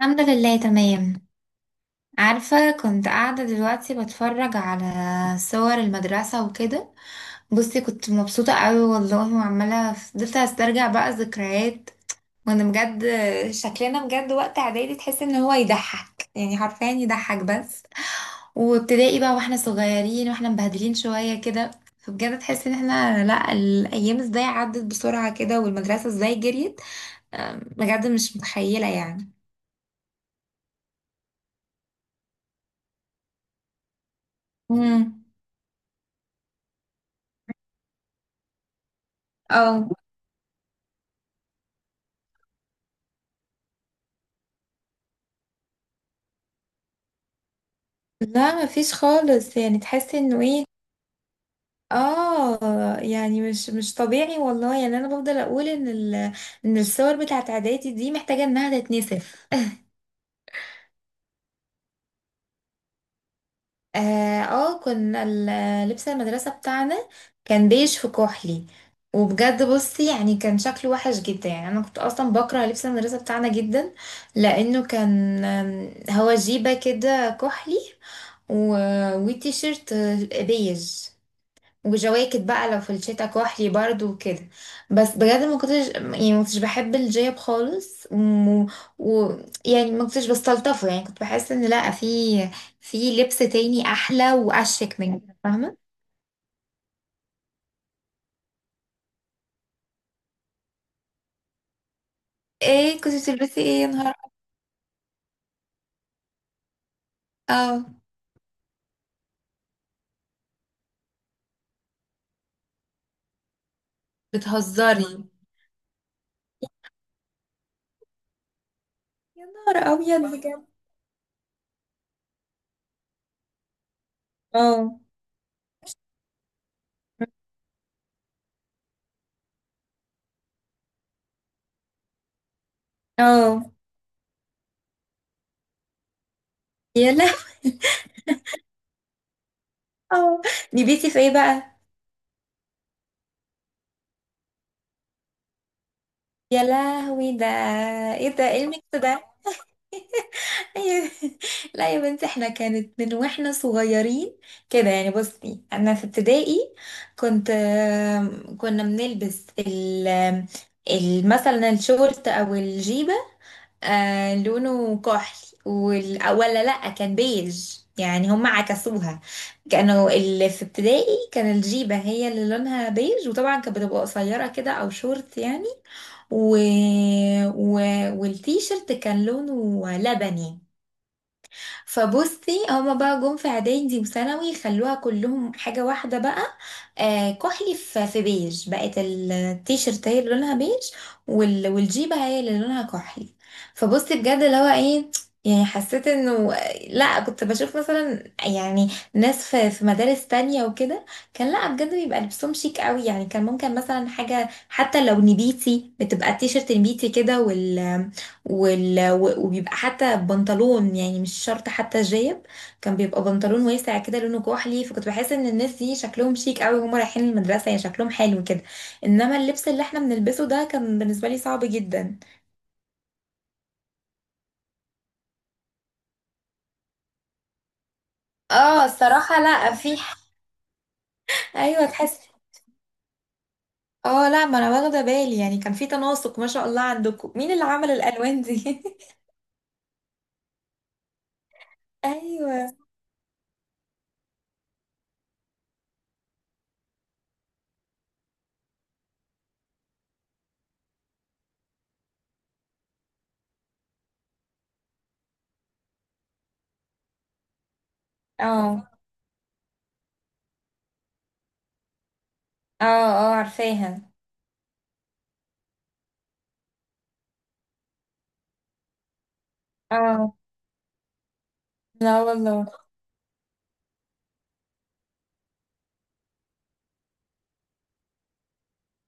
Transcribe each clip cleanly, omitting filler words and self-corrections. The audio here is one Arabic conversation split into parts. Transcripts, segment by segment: الحمد لله تمام. عارفة كنت قاعدة دلوقتي بتفرج على صور المدرسة وكده. بصي كنت مبسوطة قوي والله وعمالة فضلت استرجع بقى الذكريات وانا بجد شكلنا بجد وقت اعدادي تحس ان هو يضحك، يعني حرفيا يضحك بس. وابتدائي بقى واحنا صغيرين واحنا مبهدلين شوية كده. فبجد تحس ان احنا لا، الايام ازاي عدت بسرعة كده والمدرسة ازاي جريت. بجد مش متخيلة يعني. امم. اه، لا مفيش خالص، يعني تحس انه ايه. اه يعني مش طبيعي والله. يعني انا بفضل اقول ان ان الصور بتاعت اعدادي دي محتاجه انها تتنسف. اه. كنا لبس المدرسه بتاعنا كان بيج في كحلي. وبجد بصي يعني كان شكله وحش جدا. يعني انا كنت اصلا بكره لبس المدرسه بتاعنا جدا، لانه كان هو جيبه كده كحلي، و... وتيشيرت بيج، وجواكت بقى لو في الشتا كحلي برضو وكده. بس بجد ما كنتش بحب الجيب خالص، و... يعني ما كنتش بستلطفه. يعني كنت بحس ان لا، في لبس تاني احلى واشيك من كده، فاهمه. ايه كنت بتلبسي ايه يا نهار؟ اه. بتهزري؟ يا نهار ابيض بجد. اه. اه. يا لهوي. اه. نبيتي في ايه بقى؟ يا لهوي ده. ايه ده، ايه الميكس ده. أيوة. لا يا بنتي احنا كانت من واحنا صغيرين كده. يعني بصي انا في ابتدائي كنت، كنا بنلبس مثلا الشورت او الجيبه، لونه كحلي ولا لا كان بيج. يعني هم عكسوها. كانوا اللي في ابتدائي كان الجيبه هي اللي لونها بيج، وطبعا كانت بتبقى قصيره كده او شورت يعني، و... و... والتيشرت كان لونه لبني. فبصي هما بقى جم في اعدادي وثانوي خلوها كلهم حاجة واحدة بقى. آه كحلي في بيج، بقت التيشيرت هي اللي لونها بيج، والجيبة هي اللي لونها كحلي. فبصي بجد اللي هو ايه، يعني حسيت انه لا، كنت بشوف مثلا يعني ناس في مدارس تانية وكده كان لا بجد بيبقى لبسهم شيك قوي. يعني كان ممكن مثلا حاجة حتى لو نبيتي بتبقى التيشيرت نبيتي كده، وبيبقى حتى بنطلون، يعني مش شرط حتى جايب كان بيبقى بنطلون واسع كده لونه كحلي. فكنت بحس ان الناس دي شكلهم شيك قوي وهم رايحين المدرسة، يعني شكلهم حلو كده. انما اللبس اللي احنا بنلبسه ده كان بالنسبة لي صعب جدا. اه الصراحة لا في ايوه تحس. اه لا ما انا واخده بالي. يعني كان في تناسق ما شاء الله، عندكم مين اللي عمل الالوان دي. ايوه. اه. اه. اه عارفاها. اه. لا والله.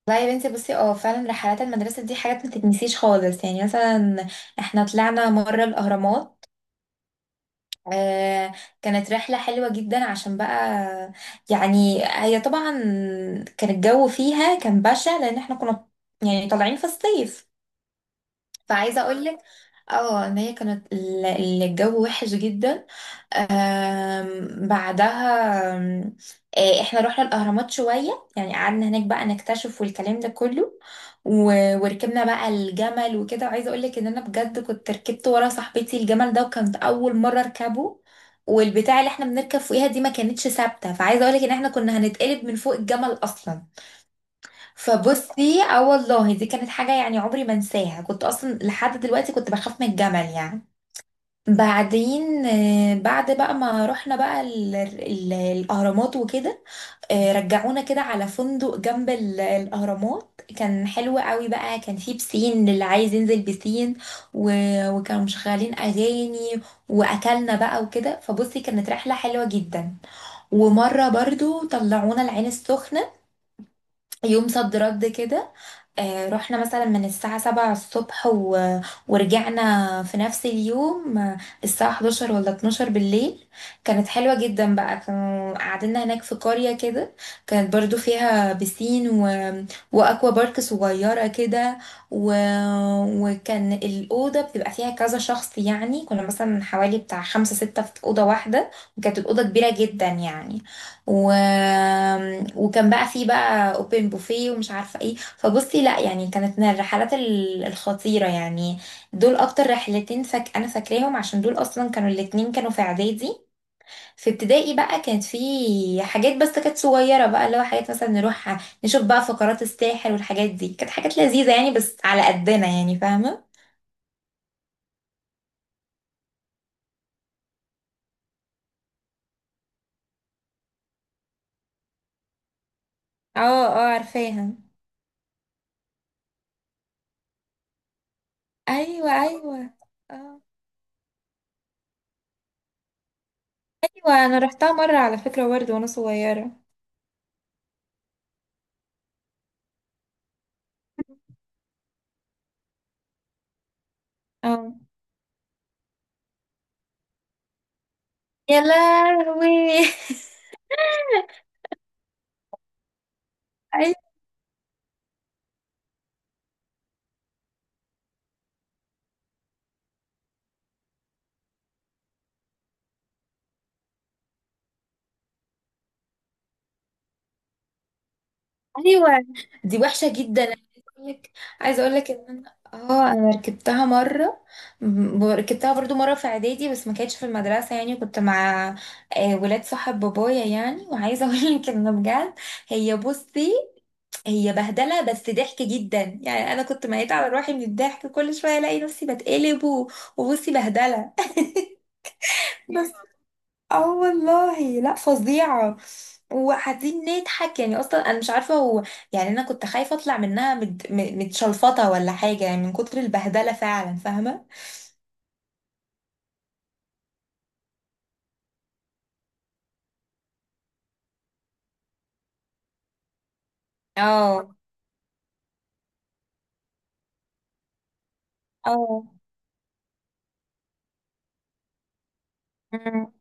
والله يا بنتي بصي اه فعلا رحلات المدرسة دي حاجات ما تتنسيش خالص. يعني مثلا احنا طلعنا مرة الأهرامات. آه كانت رحلة حلوة جدا عشان بقى، يعني هي طبعا كان الجو فيها كان بشع، لأن احنا كنا يعني طالعين في الصيف. فعايزة اه اقولك اه ان هي كانت الجو وحش جدا. آم، بعدها آم، آه، احنا رحنا الاهرامات شويه، يعني قعدنا هناك بقى نكتشف والكلام ده كله. وركبنا بقى الجمل وكده، وعايزه اقول لك ان انا بجد كنت ركبت ورا صاحبتي الجمل ده وكانت اول مره اركبه، والبتاع اللي احنا بنركب فوقيها دي ما كانتش ثابته، فعايزه اقول لك ان احنا كنا هنتقلب من فوق الجمل اصلا. فبصي اه والله دي كانت حاجه يعني عمري ما انساها، كنت اصلا لحد دلوقتي كنت بخاف من الجمل يعني. بعدين بعد بقى ما رحنا بقى ال ال الأهرامات وكده، رجعونا كده على فندق جنب الأهرامات. كان حلو قوي بقى، كان فيه بسين اللي عايز ينزل بسين، وكانوا مشغلين أغاني وأكلنا بقى وكده. فبصي كانت رحلة حلوة جدا. ومرة برضو طلعونا العين السخنة يوم صد رد كده. رحنا مثلا من الساعة 7 الصبح ورجعنا في نفس اليوم الساعة 11 ولا 12 بالليل. كانت حلوة جدا بقى، كانوا قعدنا هناك في قرية كده، كانت برضو فيها بسين وأكوا بارك صغيرة كده، و... وكان الأوضة بتبقى فيها كذا شخص. يعني كنا مثلا حوالي بتاع 5 6 في أوضة واحدة، وكانت الأوضة كبيرة جدا يعني. و... وكان بقى فيه بقى اوبن بوفيه ومش عارفه ايه. فبصي لا يعني كانت من الرحلات الخطيره يعني. دول اكتر رحلتين فك انا فاكراهم عشان دول اصلا كانوا الاتنين كانوا في اعدادي. في ابتدائي بقى كانت في حاجات بس كانت صغيره بقى، اللي هو حاجات مثلا نروح نشوف بقى فقرات الساحر والحاجات دي، كانت حاجات لذيذه يعني بس على قدنا، يعني فاهمه. اه. اه عارفاها. ايوه ايوه. اه. ايوه انا رحتها مره على فكره برضه وانا صغيره. اه. يا لهوي. أي- ايوه دي وحشه جدا. انا عايزه اقول لك، عايزه اقول لك ان انا اه انا ركبتها مره، ركبتها برضو مره في اعدادي بس ما كانتش في المدرسه، يعني كنت مع ولاد صاحب بابايا يعني. وعايزه اقول لك ان بجد هي بصي هي بهدله بس ضحك جدا. يعني انا كنت ميت على روحي من الضحك، كل شويه الاقي نفسي بتقلب وبصي بهدله. اه والله لا فظيعة. وقاعدين نضحك، يعني اصلا انا مش عارفة هو، يعني انا كنت خايفة اطلع منها متشلفطة ولا حاجة يعني من كتر البهدلة، فعلا فاهمة. اه. اه. أمم.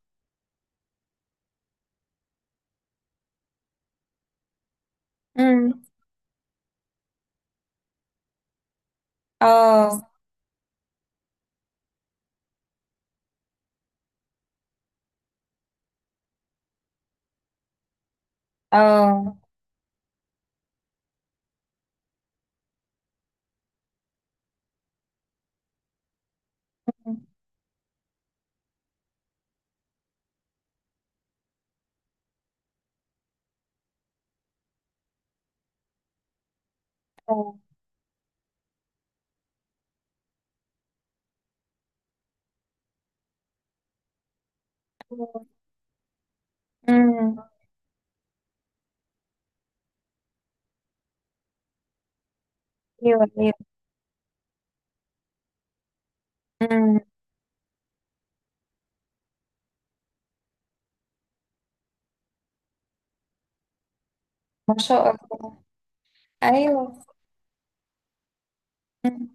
أمم. اه. اه. أمم. اه. أمم. ايوه ايوه. أمم. ما شاء الله. ايوه. أمم.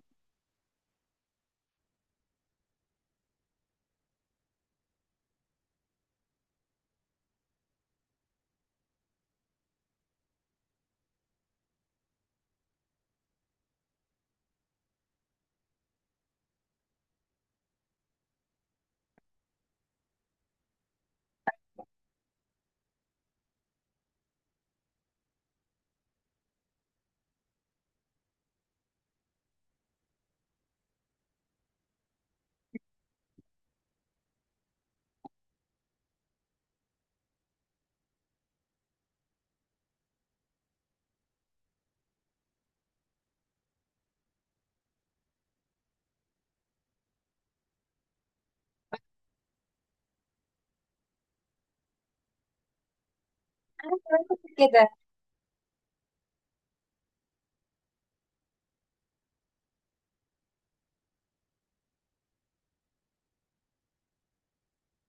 انا كمان كنت كده.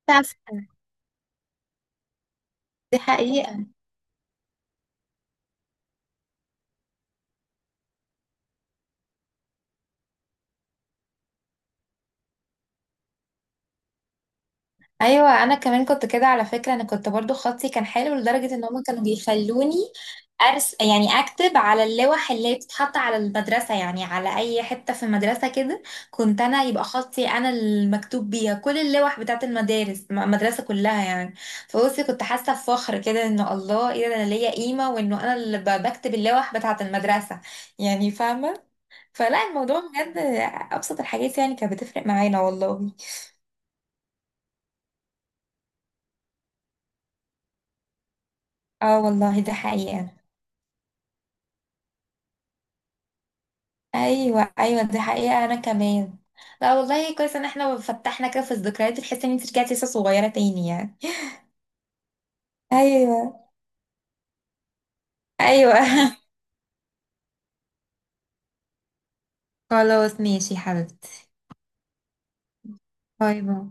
فعلا، دي حقيقة. ايوه انا كمان كنت كده على فكره. انا كنت برضو خطي كان حلو لدرجه ان هم كانوا بيخلوني ارس، يعني اكتب على اللوح اللي بتتحط على المدرسه، يعني على اي حته في المدرسه كده كنت انا يبقى خطي انا المكتوب بيها كل اللوح بتاعت المدارس المدرسه كلها يعني. فبصي كنت حاسه بفخر كده انه الله ايه ده انا ليا قيمه، وانه انا اللي بكتب اللوح بتاعت المدرسه يعني، فاهمه. فلا الموضوع بجد ابسط الحاجات يعني كانت بتفرق معانا والله. اه والله ده حقيقه. ايوه ايوه دي حقيقه انا كمان. لا والله كويس ان احنا فتحنا كده في الذكريات، تحس ان انت رجعتي لسه صغيره تاني يعني. ايوه. ايوه. خلاص ماشي يا حبيبتي. باي باي.